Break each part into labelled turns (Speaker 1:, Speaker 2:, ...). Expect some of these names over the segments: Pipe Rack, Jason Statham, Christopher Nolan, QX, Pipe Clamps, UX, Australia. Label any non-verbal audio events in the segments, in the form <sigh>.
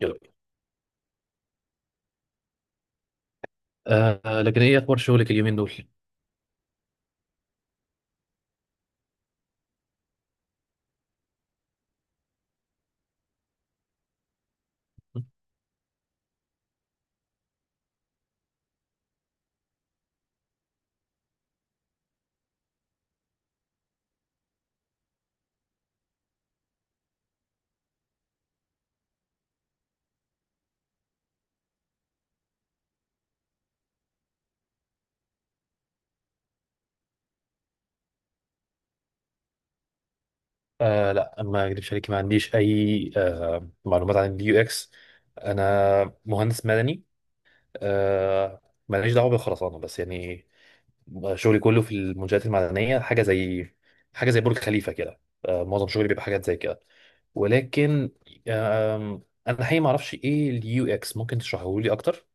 Speaker 1: يلا بينا. لكن ايه اخبار شغلك اليومين دول؟ لا ما اكذبش عليك، ما عنديش اي معلومات عن اليو اكس. انا مهندس مدني. آه ماليش دعوه بالخرسانه، بس يعني شغلي كله في المنشآت المدنيه. حاجه زي برج خليفه كده. معظم شغلي بيبقى حاجات زي كده، ولكن آه انا حقيقي ما اعرفش ايه اليو اكس، ممكن تشرحه لي اكتر؟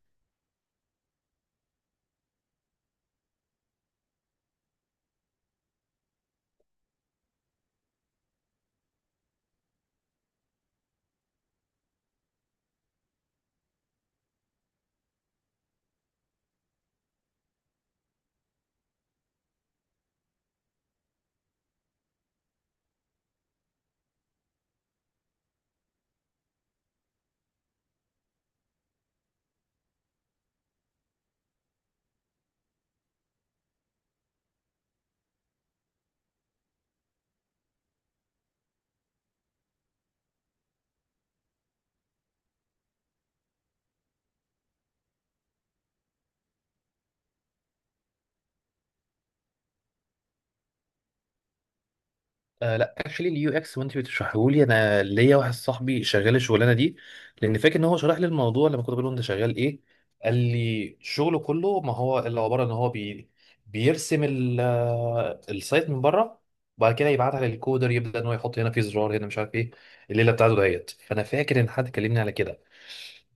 Speaker 1: لا اكشلي اليو اكس وانت بتشرحه لي، انا ليا واحد صاحبي شغال الشغلانه دي، لان فاكر ان هو شرح لي الموضوع لما كنت بقول له انت شغال ايه، قال لي شغله كله ما هو اللي عباره ان هو بيرسم السايت من بره، وبعد كده يبعتها للكودر، يبدا ان هو يحط هنا في زرار، هنا مش عارف ايه الليله بتاعته دهيت، فانا فاكر ان حد كلمني على كده.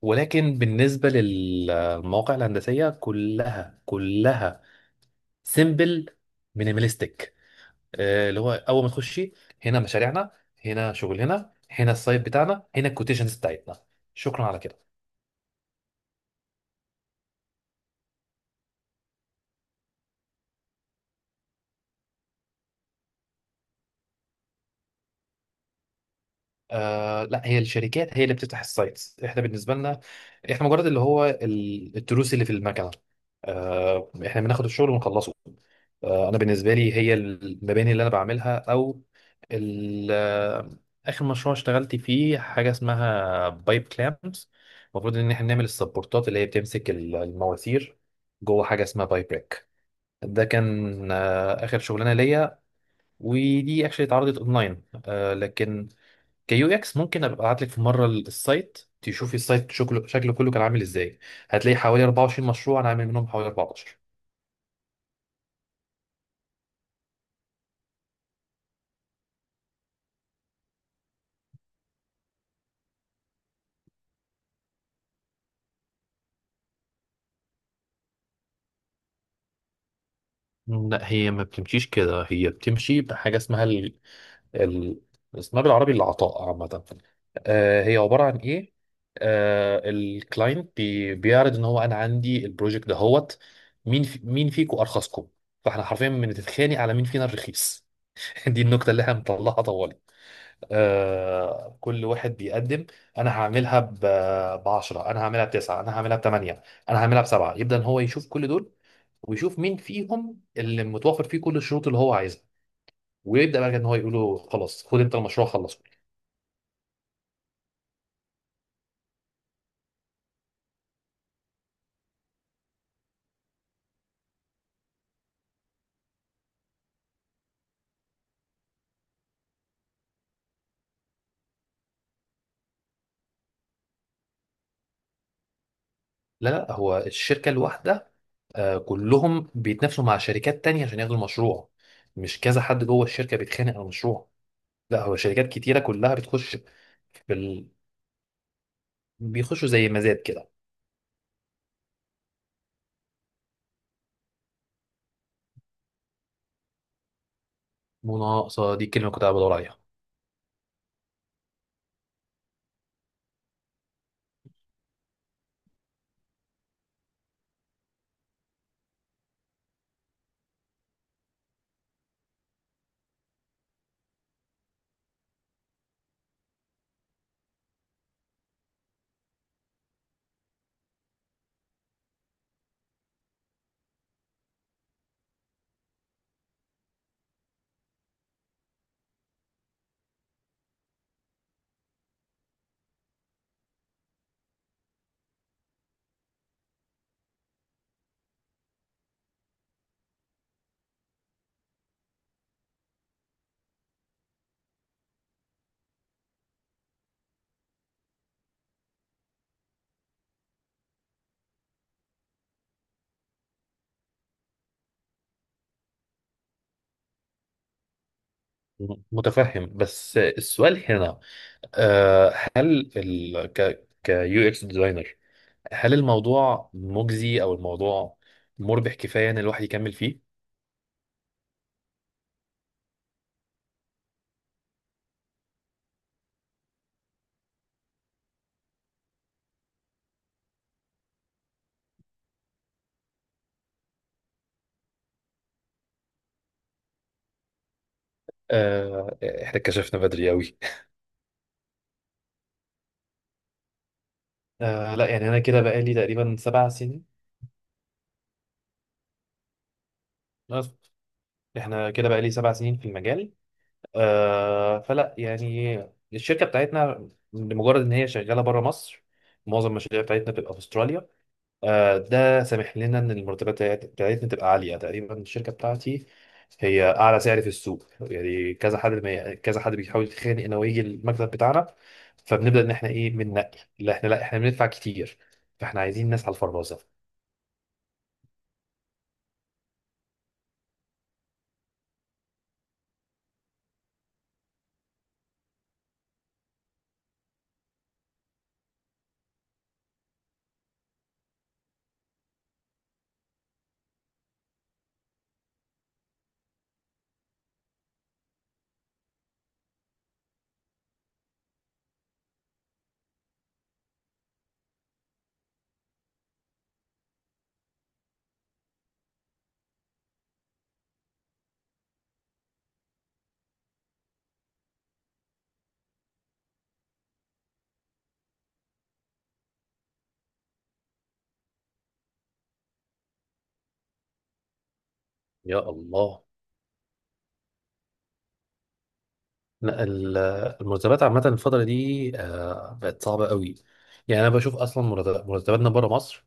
Speaker 1: ولكن بالنسبه للمواقع الهندسيه، كلها كلها سيمبل، مينيماليستيك. اللي هو اول ما تخشي هنا مشاريعنا، هنا شغلنا، هنا السايت بتاعنا، هنا الكوتيشنز بتاعتنا، شكرا على كده. لا، هي الشركات هي اللي بتفتح السايتس. احنا بالنسبه لنا، احنا مجرد اللي هو التروس اللي في المكنه. احنا بناخد الشغل ونخلصه. انا بالنسبه لي هي المباني اللي انا بعملها، او ال- آه، اخر مشروع اشتغلت فيه حاجه اسمها بايب كلامز. المفروض ان احنا نعمل السبورتات اللي هي بتمسك المواسير جوه حاجه اسمها بايب ريك. ده كان اخر شغلانه ليا، ودي اكشلي اتعرضت اونلاين. لكن كيو اكس ممكن ابقى ابعت لك في مره السايت تشوفي السايت، شكله كله كان عامل ازاي. هتلاقي حوالي 24 مشروع انا عامل منهم حوالي 14. لا هي ما بتمشيش كده، هي بتمشي بحاجه اسمها ال... اسمها بالعربي العطاء عامه. هي عباره عن ايه؟ الكلاينت بيعرض ان هو انا عندي البروجكت دهوت، مين فيكم ارخصكم؟ فاحنا حرفيا بنتخانق على مين فينا الرخيص. <laughs> دي النكته اللي احنا مطلعها طوالي. كل واحد بيقدم، انا هعملها ب 10، انا هعملها بتسعة، انا هعملها بثمانية، انا هعملها بسبعة. يبدا ان هو يشوف كل دول ويشوف مين فيهم اللي متوفر فيه كل الشروط اللي هو عايزها، ويبدا بقى ان هو يقول له خلاص خد انت المشروع خلصه. لا لا، هو الشركه الواحده، كلهم بيتنافسوا مع شركات تانية عشان ياخدوا المشروع، مش كذا حد جوه الشركه بيتخانق على المشروع. لا هو شركات كتيره كلها بتخش بال... بيخشوا زي مزاد كده. مناقصه، دي الكلمه اللي كنت قاعد بدور عليها. متفهم، بس السؤال هنا هل ال ك كيو اكس ديزاينر، هل الموضوع مجزي او الموضوع مربح كفايه ان الواحد يكمل فيه؟ آه، احنا كشفنا بدري قوي. لا يعني انا كده بقالي تقريبا 7 سنين بس. احنا كده بقالي 7 سنين في المجال. فلا يعني الشركه بتاعتنا لمجرد ان هي شغاله بره مصر، معظم المشاريع بتاعتنا بتبقى في استراليا. ده سامح لنا ان المرتبات بتاعتنا تبقى عاليه. تقريبا الشركه بتاعتي هي اعلى سعر في السوق، يعني كذا حد ما كذا حد بيحاول يتخانق انه يجي المكتب بتاعنا، فبنبدا ان احنا ايه بننقي. لا احنا بندفع كتير، فاحنا عايزين ناس على الفرازه. يا الله. لا ال- المرتبات عامه الفتره دي بقت صعبه قوي. يعني انا بشوف اصلا مرتباتنا بره مصر،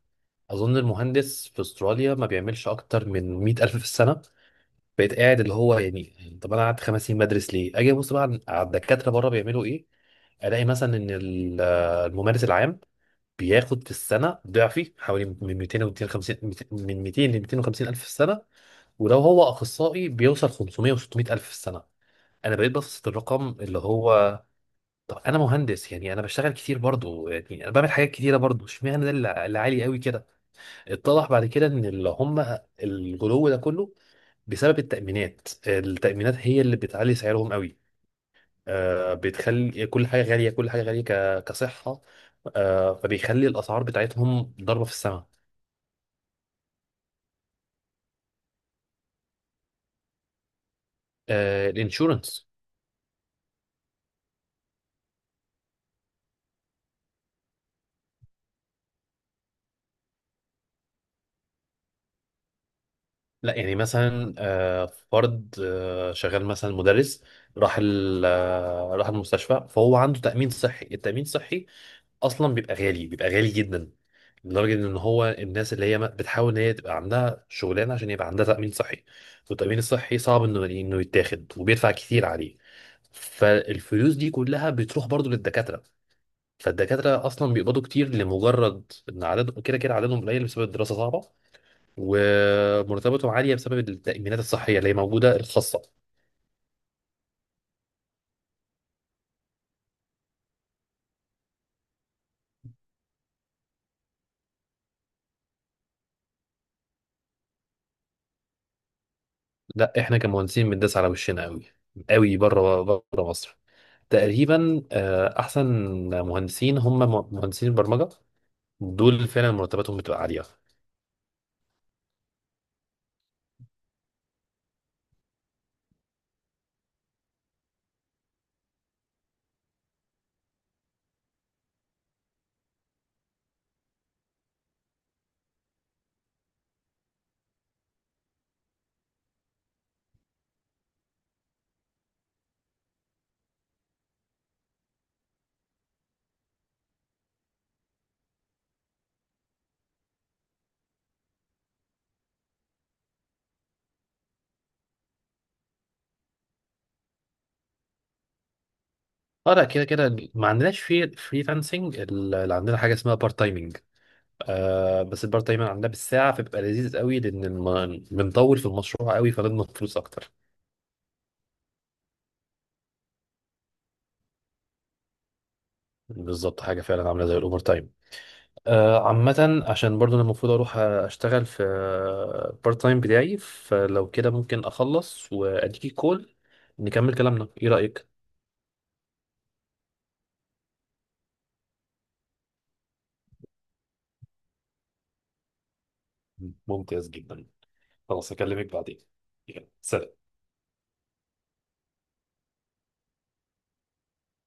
Speaker 1: اظن المهندس في استراليا ما بيعملش اكتر من 100,000 في السنه. بقيت قاعد اللي هو يعني طب انا قعدت 5 سنين بدرس ليه؟ اجي ابص بقى على الدكاتره بره بيعملوا ايه؟ الاقي مثلا ان الممارس العام بياخد في السنه ضعفي، حوالي من 200 و 250، من 200 ل 250 الف في السنه، ولو هو اخصائي بيوصل 500 و 600 الف في السنه. انا بقيت ببسط الرقم، اللي هو طب انا مهندس يعني انا بشتغل كتير برضه، يعني انا بعمل حاجات كتيره برضه، اشمعنى ده اللي عالي قوي كده؟ اتضح بعد كده ان اللي هم الغلو ده كله بسبب التأمينات. التأمينات هي اللي بتعلي سعرهم قوي. بتخلي كل حاجة غالية، كل حاجة غالية كصحة. فبيخلي الأسعار بتاعتهم ضربة في السماء. الانشورنس. لا يعني مثلا فرد شغال مثلا مدرس، راح راح المستشفى فهو عنده تأمين صحي. التأمين الصحي أصلا بيبقى غالي، بيبقى غالي جدا، لدرجة إن هو الناس اللي هي بتحاول إن هي تبقى عندها شغلانة عشان يبقى عندها تأمين صحي. والتأمين الصحي صعب إنه يتاخد وبيدفع كتير عليه. فالفلوس دي كلها بتروح برضو للدكاترة. فالدكاترة أصلا بيقبضوا كتير، لمجرد إن عددهم كده كده، عددهم قليل بسبب الدراسة صعبة، ومرتباتهم عالية بسبب التأمينات الصحية اللي هي موجودة الخاصة. لا، إحنا كمهندسين بنداس على وشنا أوي، أوي بره بره مصر. تقريبا أحسن مهندسين هم مهندسين البرمجة، دول فعلا مرتباتهم بتبقى عاليه. اه لا، كده كده ما عندناش في فريلانسنج، اللي عندنا حاجه اسمها بارت تايمنج. بس البارت تايمنج عندنا بالساعه، فبيبقى لذيذ قوي لان بنطول في المشروع قوي فبنضمن فلوس اكتر. بالظبط، حاجه فعلا عامله زي الاوفر تايم. عامه عشان برضو انا المفروض اروح اشتغل في بارت تايم بتاعي، فلو كده ممكن اخلص واديكي كول نكمل كلامنا، ايه رايك؟ ممتاز جدا. خلاص اكلمك بعدين. يلا، سلام.